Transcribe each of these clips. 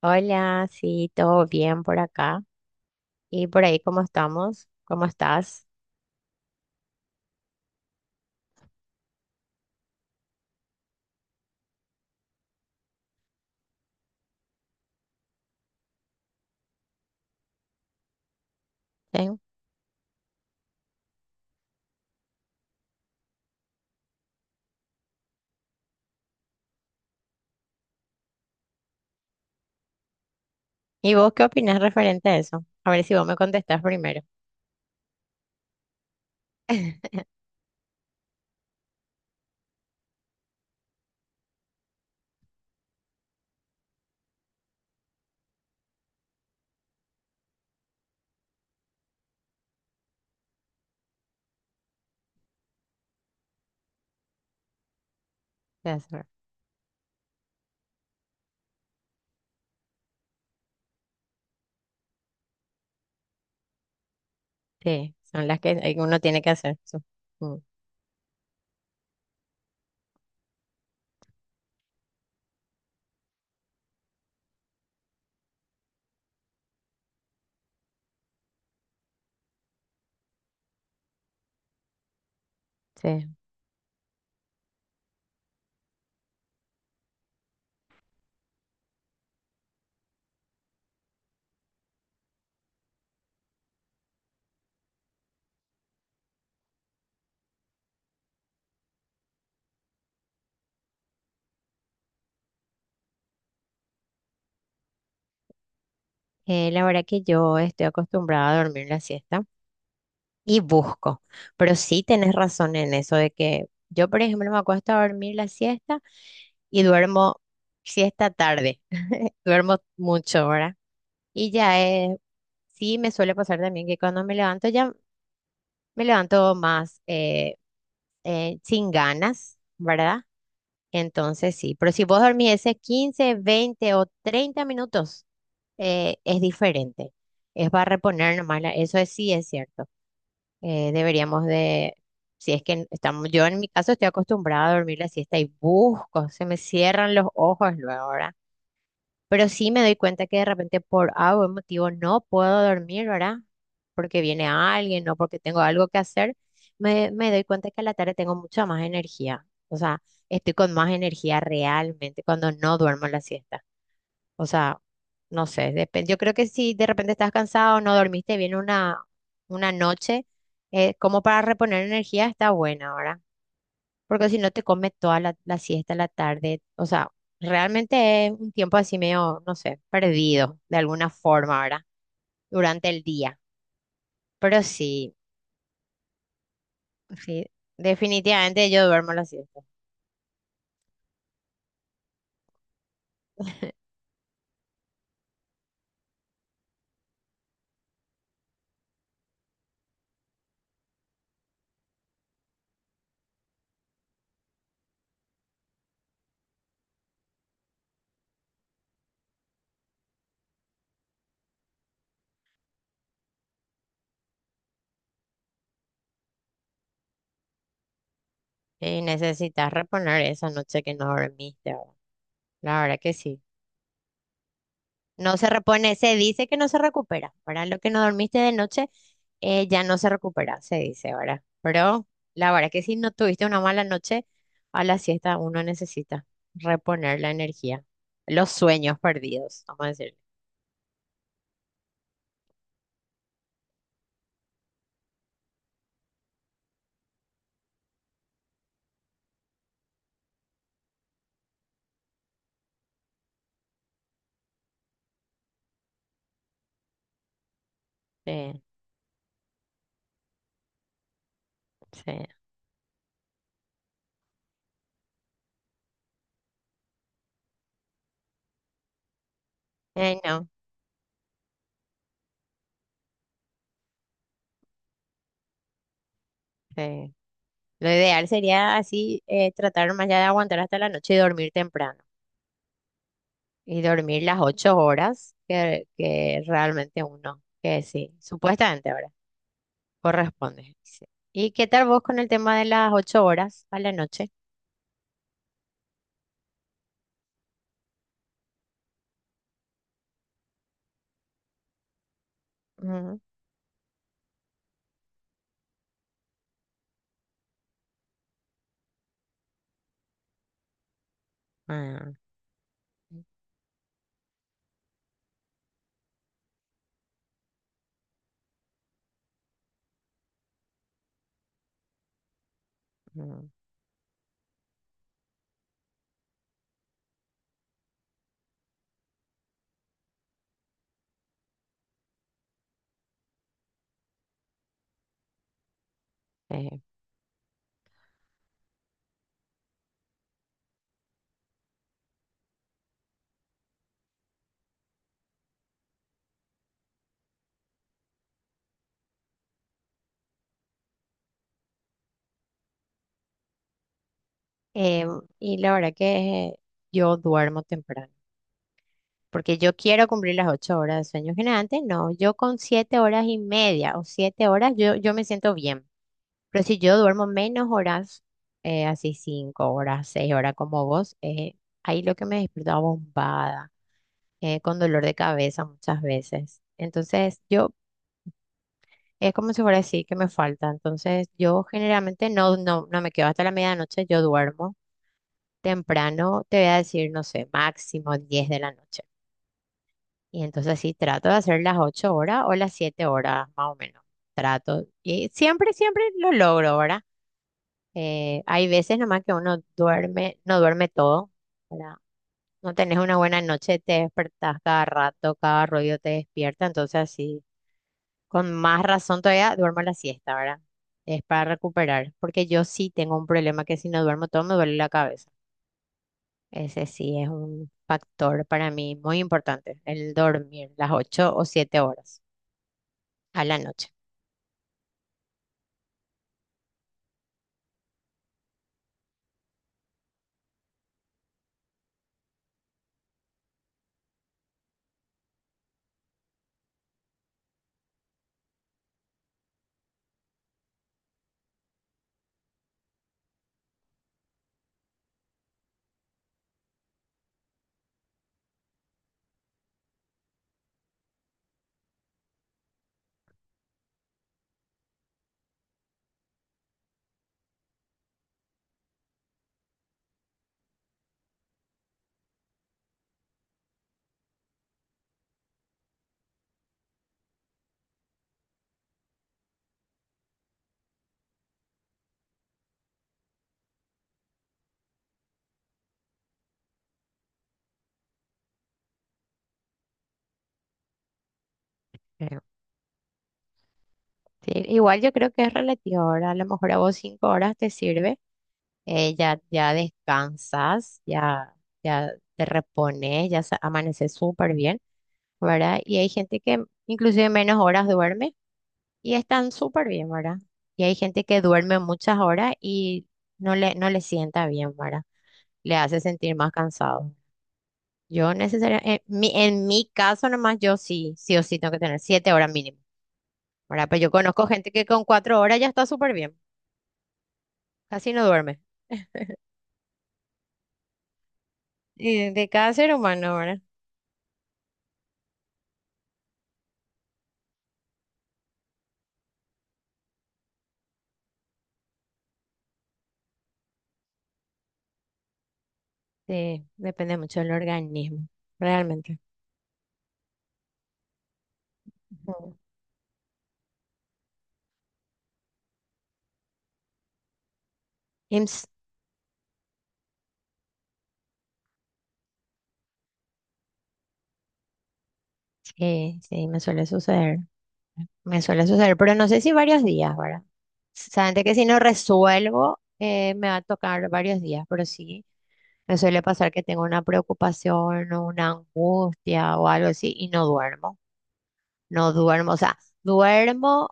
Hola, sí, todo bien por acá. ¿Y por ahí cómo estamos? ¿Cómo estás? ¿Sí? ¿Y vos qué opinas referente a eso? A ver si vos me contestás primero. Ya sé. Sí, son las que uno tiene que hacer. Mm. Sí. La verdad que yo estoy acostumbrada a dormir la siesta. Y busco. Pero sí tenés razón en eso de que yo, por ejemplo, me acuesto a dormir la siesta y duermo siesta tarde. Duermo mucho, ¿verdad? Y ya sí me suele pasar también que cuando me levanto ya me levanto más sin ganas, ¿verdad? Entonces sí, pero si vos dormís ese 15, 20 o 30 minutos, es diferente. Es para reponer nomás, sí es cierto, deberíamos de, si es que estamos, yo en mi caso estoy acostumbrada a dormir la siesta y busco, se me cierran los ojos luego, ¿verdad? Pero sí me doy cuenta que de repente por algún motivo no puedo dormir, ¿verdad? Porque viene alguien, no porque tengo algo que hacer, me doy cuenta que a la tarde tengo mucha más energía. O sea, estoy con más energía realmente cuando no duermo la siesta. O sea, no sé, depende. Yo creo que si de repente estás cansado, no dormiste bien una noche, como para reponer energía está buena ahora, porque si no te comes toda la, la siesta, la tarde, o sea, realmente es un tiempo así medio, no sé, perdido de alguna forma ahora, durante el día. Pero sí, sí, definitivamente yo duermo la siesta. Y necesitas reponer esa noche que no dormiste, ¿verdad? La verdad que sí. No se repone, se dice que no se recupera, ¿verdad? Lo que no dormiste de noche ya no se recupera, se dice, ¿verdad? Pero la verdad que si no tuviste una mala noche, a la siesta uno necesita reponer la energía, los sueños perdidos, vamos a decir. Sí, sí. No, sí. Lo ideal sería así, tratar más allá de aguantar hasta la noche y dormir temprano. Y dormir las 8 horas que realmente uno, que sí, supuestamente, ¿verdad? Corresponde, dice. ¿Y qué tal vos con el tema de las 8 horas a la noche? Mm, ah, mm, eh. Eh, y la verdad que yo duermo temprano, porque yo quiero cumplir las 8 horas de sueño generante. No, yo con 7 horas y media o 7 horas yo, yo me siento bien. Pero si yo duermo menos horas, así 5 horas, 6 horas como vos, ahí lo que me despierto bombada, con dolor de cabeza muchas veces. Entonces, yo es como si fuera así que me falta. Entonces, yo generalmente no, no, no me quedo hasta la medianoche, yo duermo temprano, te voy a decir, no sé, máximo 10 de la noche. Y entonces sí, trato de hacer las 8 horas o las 7 horas, más o menos. Trato. Y siempre, siempre lo logro, ¿verdad? Hay veces nomás que uno duerme, no duerme todo, ¿verdad? No tenés una buena noche, te despertás cada rato, cada ruido te despierta, entonces sí, con más razón todavía duermo la siesta, ¿verdad? Es para recuperar, porque yo sí tengo un problema que si no duermo todo me duele la cabeza. Ese sí es un factor para mí muy importante, el dormir las 8 o 7 horas a la noche. Creo. Sí, igual yo creo que es relativo, ahora a lo mejor a vos 5 horas te sirve, ya, ya descansas, ya te repones, amaneces súper bien, ¿verdad? Y hay gente que inclusive menos horas duerme y están súper bien, ¿verdad? Y hay gente que duerme muchas horas y no le sienta bien, ¿verdad? Le hace sentir más cansado. Yo necesariamente, en mi caso nomás, yo sí, sí o sí tengo que tener 7 horas mínimo, ¿verdad? Pero yo conozco gente que con 4 horas ya está súper bien, casi no duerme. Y de cada ser humano, ¿verdad? Sí, depende mucho del organismo, realmente. Ujú. Y ps- sí, sí, me suele suceder. Me suele suceder, pero no sé si varios días, ¿verdad? Saben que si no resuelvo, me va a tocar varios días, pero sí, me suele pasar que tengo una preocupación o una angustia o algo así y no duermo, no duermo, o sea, duermo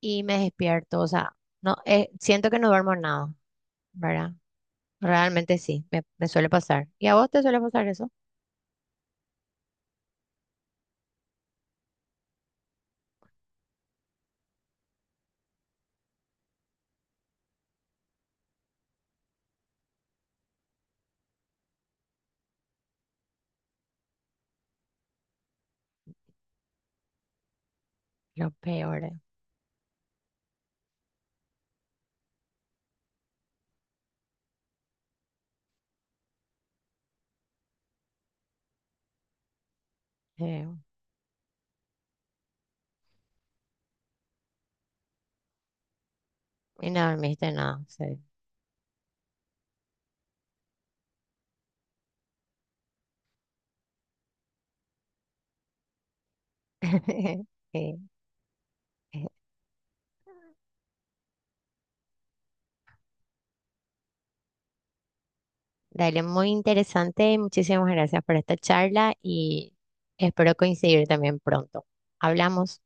y me despierto, o sea, no, siento que no duermo nada, ¿verdad? Realmente sí, me suele pasar. ¿Y a vos te suele pasar eso? Lo peor, eh, y no dormiste nada, sí. Sí, dale, muy interesante. Muchísimas gracias por esta charla y espero coincidir también pronto. Hablamos.